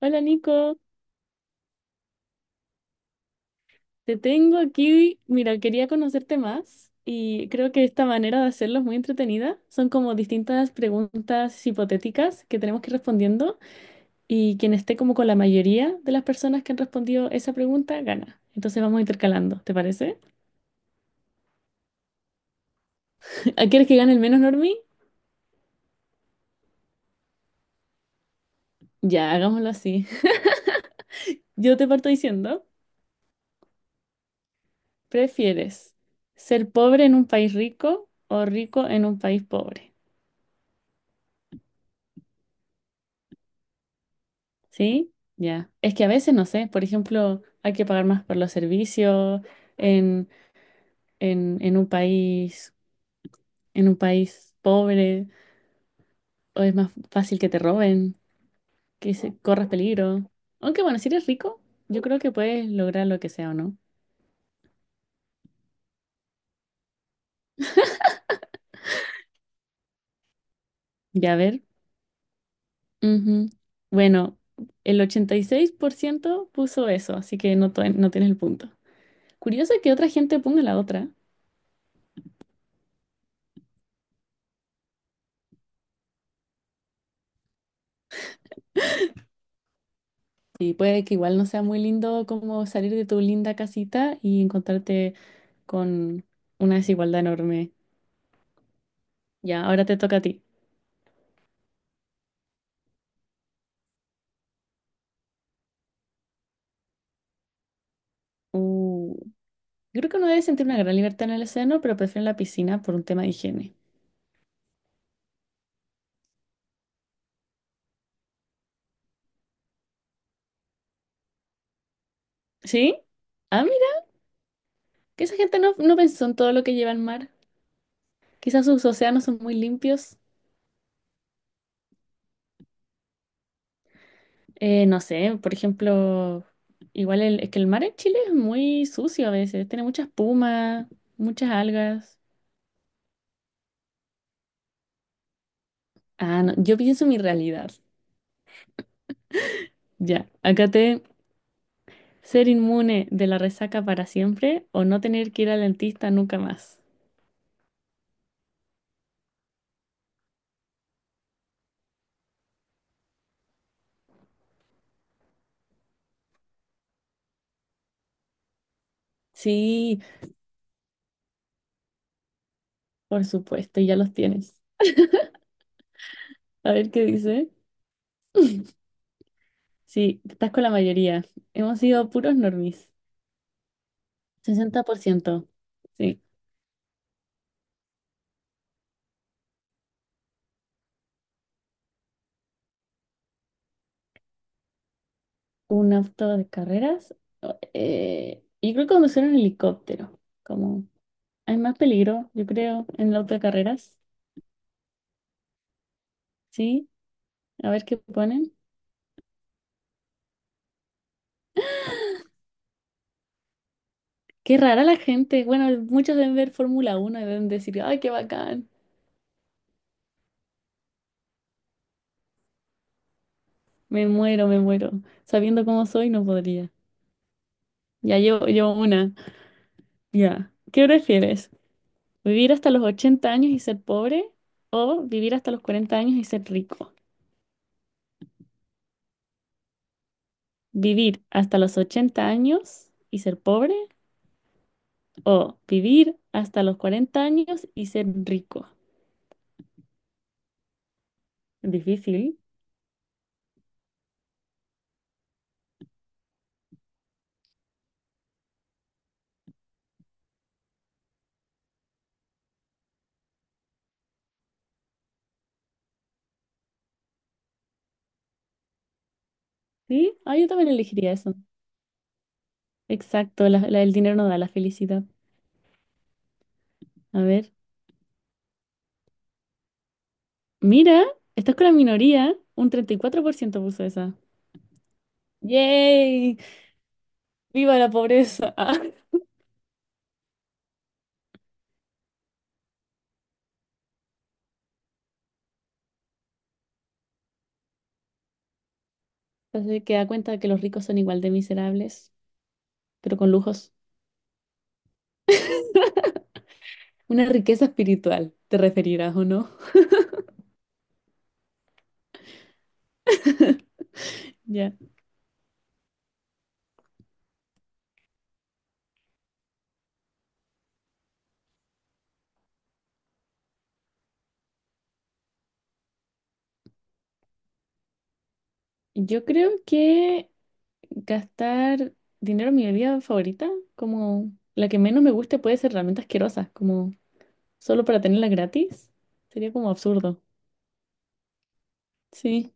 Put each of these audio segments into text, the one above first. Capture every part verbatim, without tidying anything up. Hola Nico, te tengo aquí. Mira, quería conocerte más y creo que esta manera de hacerlo es muy entretenida. Son como distintas preguntas hipotéticas que tenemos que ir respondiendo y quien esté como con la mayoría de las personas que han respondido esa pregunta gana. Entonces vamos intercalando, ¿te parece? Ah, ¿Quieres que gane el menos normie? Ya, hagámoslo así. Yo te parto diciendo, ¿prefieres ser pobre en un país rico o rico en un país pobre? ¿Sí? Ya. Es que a veces, no sé, por ejemplo, hay que pagar más por los servicios en, en, en un país, en un país pobre, o es más fácil que te roben, que se, corras peligro. Aunque bueno, si eres rico, yo creo que puedes lograr lo que sea o no. Ya, a ver. Ujú. Bueno, el ochenta y seis por ciento puso eso, así que no, to- no tienes el punto. Curioso que otra gente ponga la otra. Sí, puede que igual no sea muy lindo como salir de tu linda casita y encontrarte con una desigualdad enorme. Ya, ahora te toca a ti. Uh, yo creo que uno debe sentir una gran libertad en el océano, pero prefiero la piscina por un tema de higiene. ¿Sí? Ah, mira, que esa gente no, no pensó en todo lo que lleva el mar. Quizás sus océanos son muy limpios. Eh, no sé, por ejemplo, igual el- es que el mar en Chile es muy sucio a veces, tiene mucha espuma, muchas algas. Ah, no, yo pienso en mi realidad. Ya, acá te, ser inmune de la resaca para siempre o no tener que ir al dentista nunca más. Sí, por supuesto, ya los tienes. A ver qué dice. Sí, estás con la mayoría. Hemos sido puros normies. Sesenta por ciento. Sí. Un auto de carreras. o- eh, yo creo que conducir un helicóptero. Como hay más peligro, yo creo, en el auto de carreras. Sí, a ver qué ponen. Qué rara la gente. Bueno, muchos deben ver Fórmula Uno y deben decir, ay, qué bacán. Me muero, me muero. Sabiendo cómo soy, no podría. Ya llevo, llevo una. Ya. ¿Qué prefieres? ¿Vivir hasta los ochenta años y ser pobre? ¿O vivir hasta los cuarenta años y ser rico? ¿Vivir hasta los ochenta años y ser pobre? ¿O vivir hasta los cuarenta años y ser rico? Difícil. ¿Sí? Ah, yo también elegiría eso. Exacto, la- la- el dinero no da la felicidad. A ver. Mira, estás con la minoría. Un treinta y cuatro por ciento puso esa. ¡Yay! ¡Viva la pobreza! Ah. Entonces que da cuenta que los ricos son igual de miserables, pero con lujos. Una riqueza espiritual, te referirás o no. Ya. Yo creo que gastar dinero en mi bebida favorita, como la que menos me guste, puede ser realmente asquerosa, como solo para tenerla gratis. Sería como absurdo. Sí,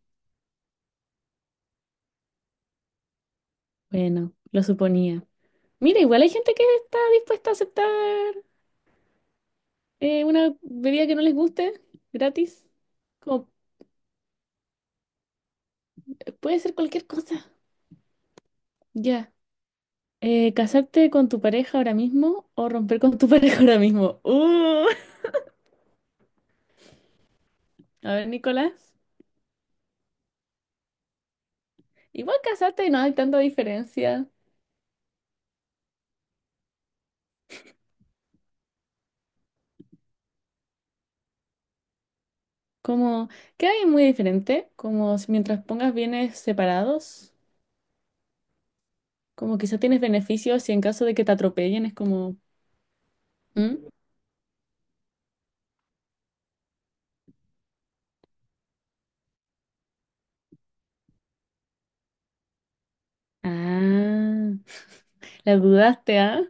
bueno, lo suponía. Mira, igual hay gente que está dispuesta a aceptar eh, una bebida que no les guste gratis. Como puede ser cualquier cosa. Ya. Eh, ¿casarte con tu pareja ahora mismo o romper con tu pareja ahora mismo? Uh, a ver, Nicolás. Igual casarte no hay tanta diferencia. Como que hay muy diferente. Como si mientras pongas bienes separados, como quizá tienes beneficios y en caso de que te atropellen es como… ¿Mm? Ah, la dudaste, ¿ah?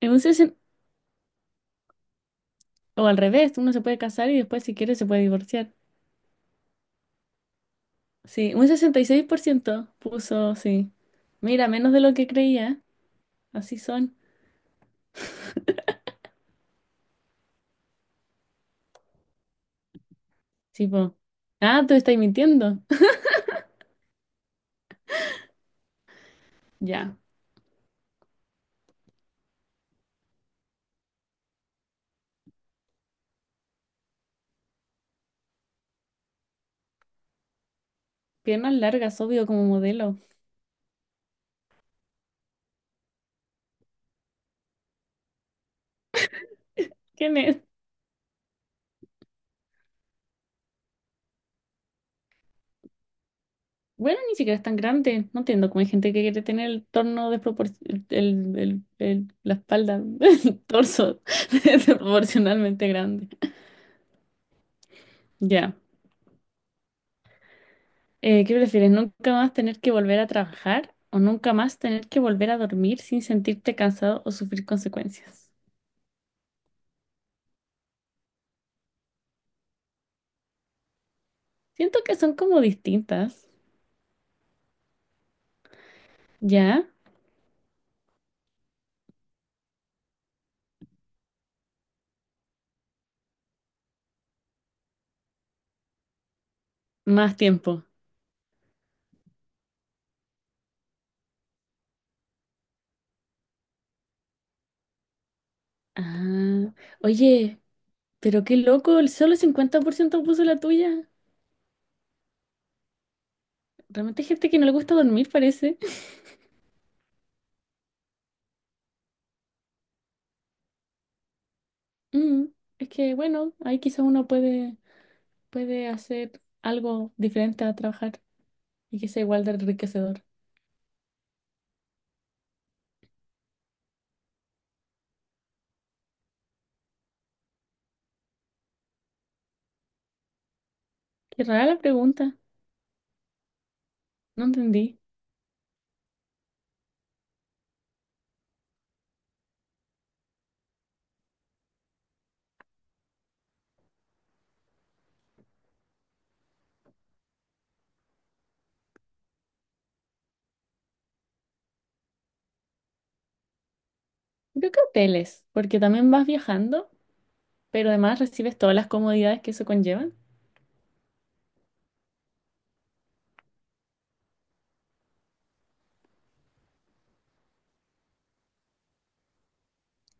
En un sesen- O al revés, uno se puede casar y después si quiere se puede divorciar. Sí, un sesenta y seis por ciento puso, sí. Mira, menos de lo que creía. Así son. Tipo, ah, tú estás mintiendo. Ya. Piernas largas, obvio, como modelo. ¿Quién es? Bueno, ni siquiera es tan grande. No entiendo cómo hay gente que quiere tener el torno desproporcional, el, el- el- la espalda, el torso desproporcionalmente grande. Ya. Eh, ¿qué prefieres? ¿Nunca más tener que volver a trabajar o nunca más tener que volver a dormir sin sentirte cansado o sufrir consecuencias? Siento que son como distintas. Ya. Más tiempo. Ah. Oye. Pero qué loco, el solo el cincuenta por ciento puso la tuya. Realmente hay gente que no le gusta dormir, parece. Mm, es que, bueno, ahí quizás uno puede, puede hacer algo diferente a trabajar y que sea igual de enriquecedor. Qué rara la pregunta, no entendí. Yo creo que hoteles, porque también vas viajando, pero además recibes todas las comodidades que eso conlleva.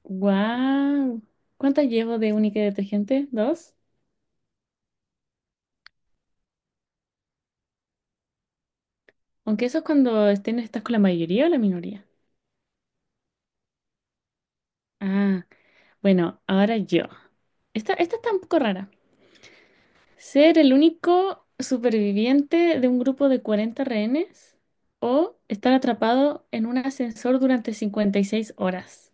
¡Wow! ¿Cuántas llevo de única y detergente? ¿Dos? Aunque eso es cuando estén, estás con la mayoría o la minoría. Ah. Bueno, ahora yo. Esta, esta está un poco rara. Ser el único superviviente de un grupo de cuarenta rehenes o estar atrapado en un ascensor durante cincuenta y seis horas.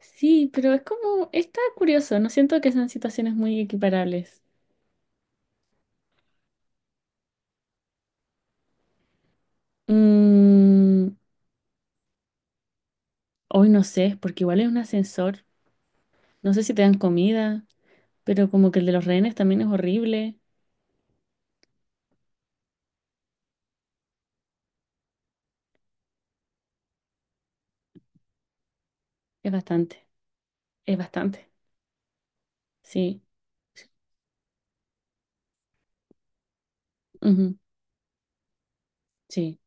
Sí, pero es como, está curioso, no siento que sean situaciones muy equiparables. Mm, Hoy no sé, porque igual es un ascensor, no sé si te dan comida, pero como que el de los rehenes también es horrible, es bastante, es bastante, sí, ujú, sí.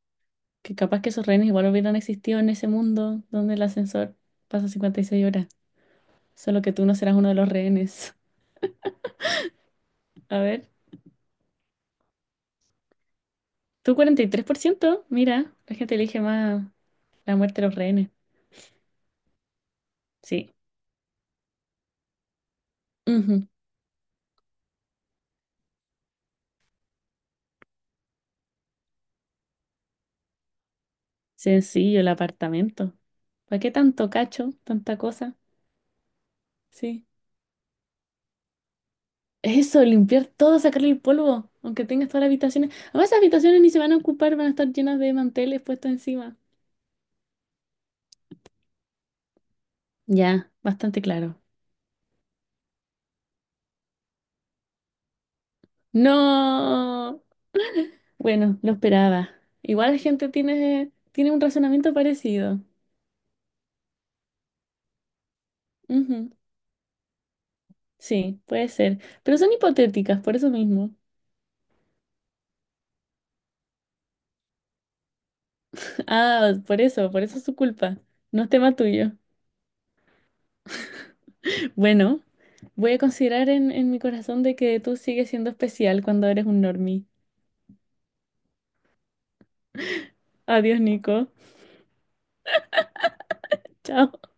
Que capaz que esos rehenes igual hubieran existido en ese mundo donde el ascensor pasa cincuenta y seis horas. Solo que tú no serás uno de los rehenes. A ver. Tú, cuarenta y tres por ciento. Mira, la gente elige más la muerte de los rehenes. Sí. Ujú. Sencillo, el apartamento. ¿Para qué tanto cacho, tanta cosa? Sí. Eso, limpiar todo, sacarle el polvo, aunque tengas todas las habitaciones. Además, esas habitaciones ni se van a ocupar, van a estar llenas de manteles puestos encima. Ya, bastante claro. No. Bueno, lo esperaba. Igual la gente tiene, tiene un razonamiento parecido. Ujú, sí, puede ser. Pero son hipotéticas, por eso mismo. Ah, por eso, por eso es su culpa. No es tema tuyo. Bueno, voy a considerar en, en mi corazón de que tú sigues siendo especial cuando eres un normie. Adiós, Nico. Chao.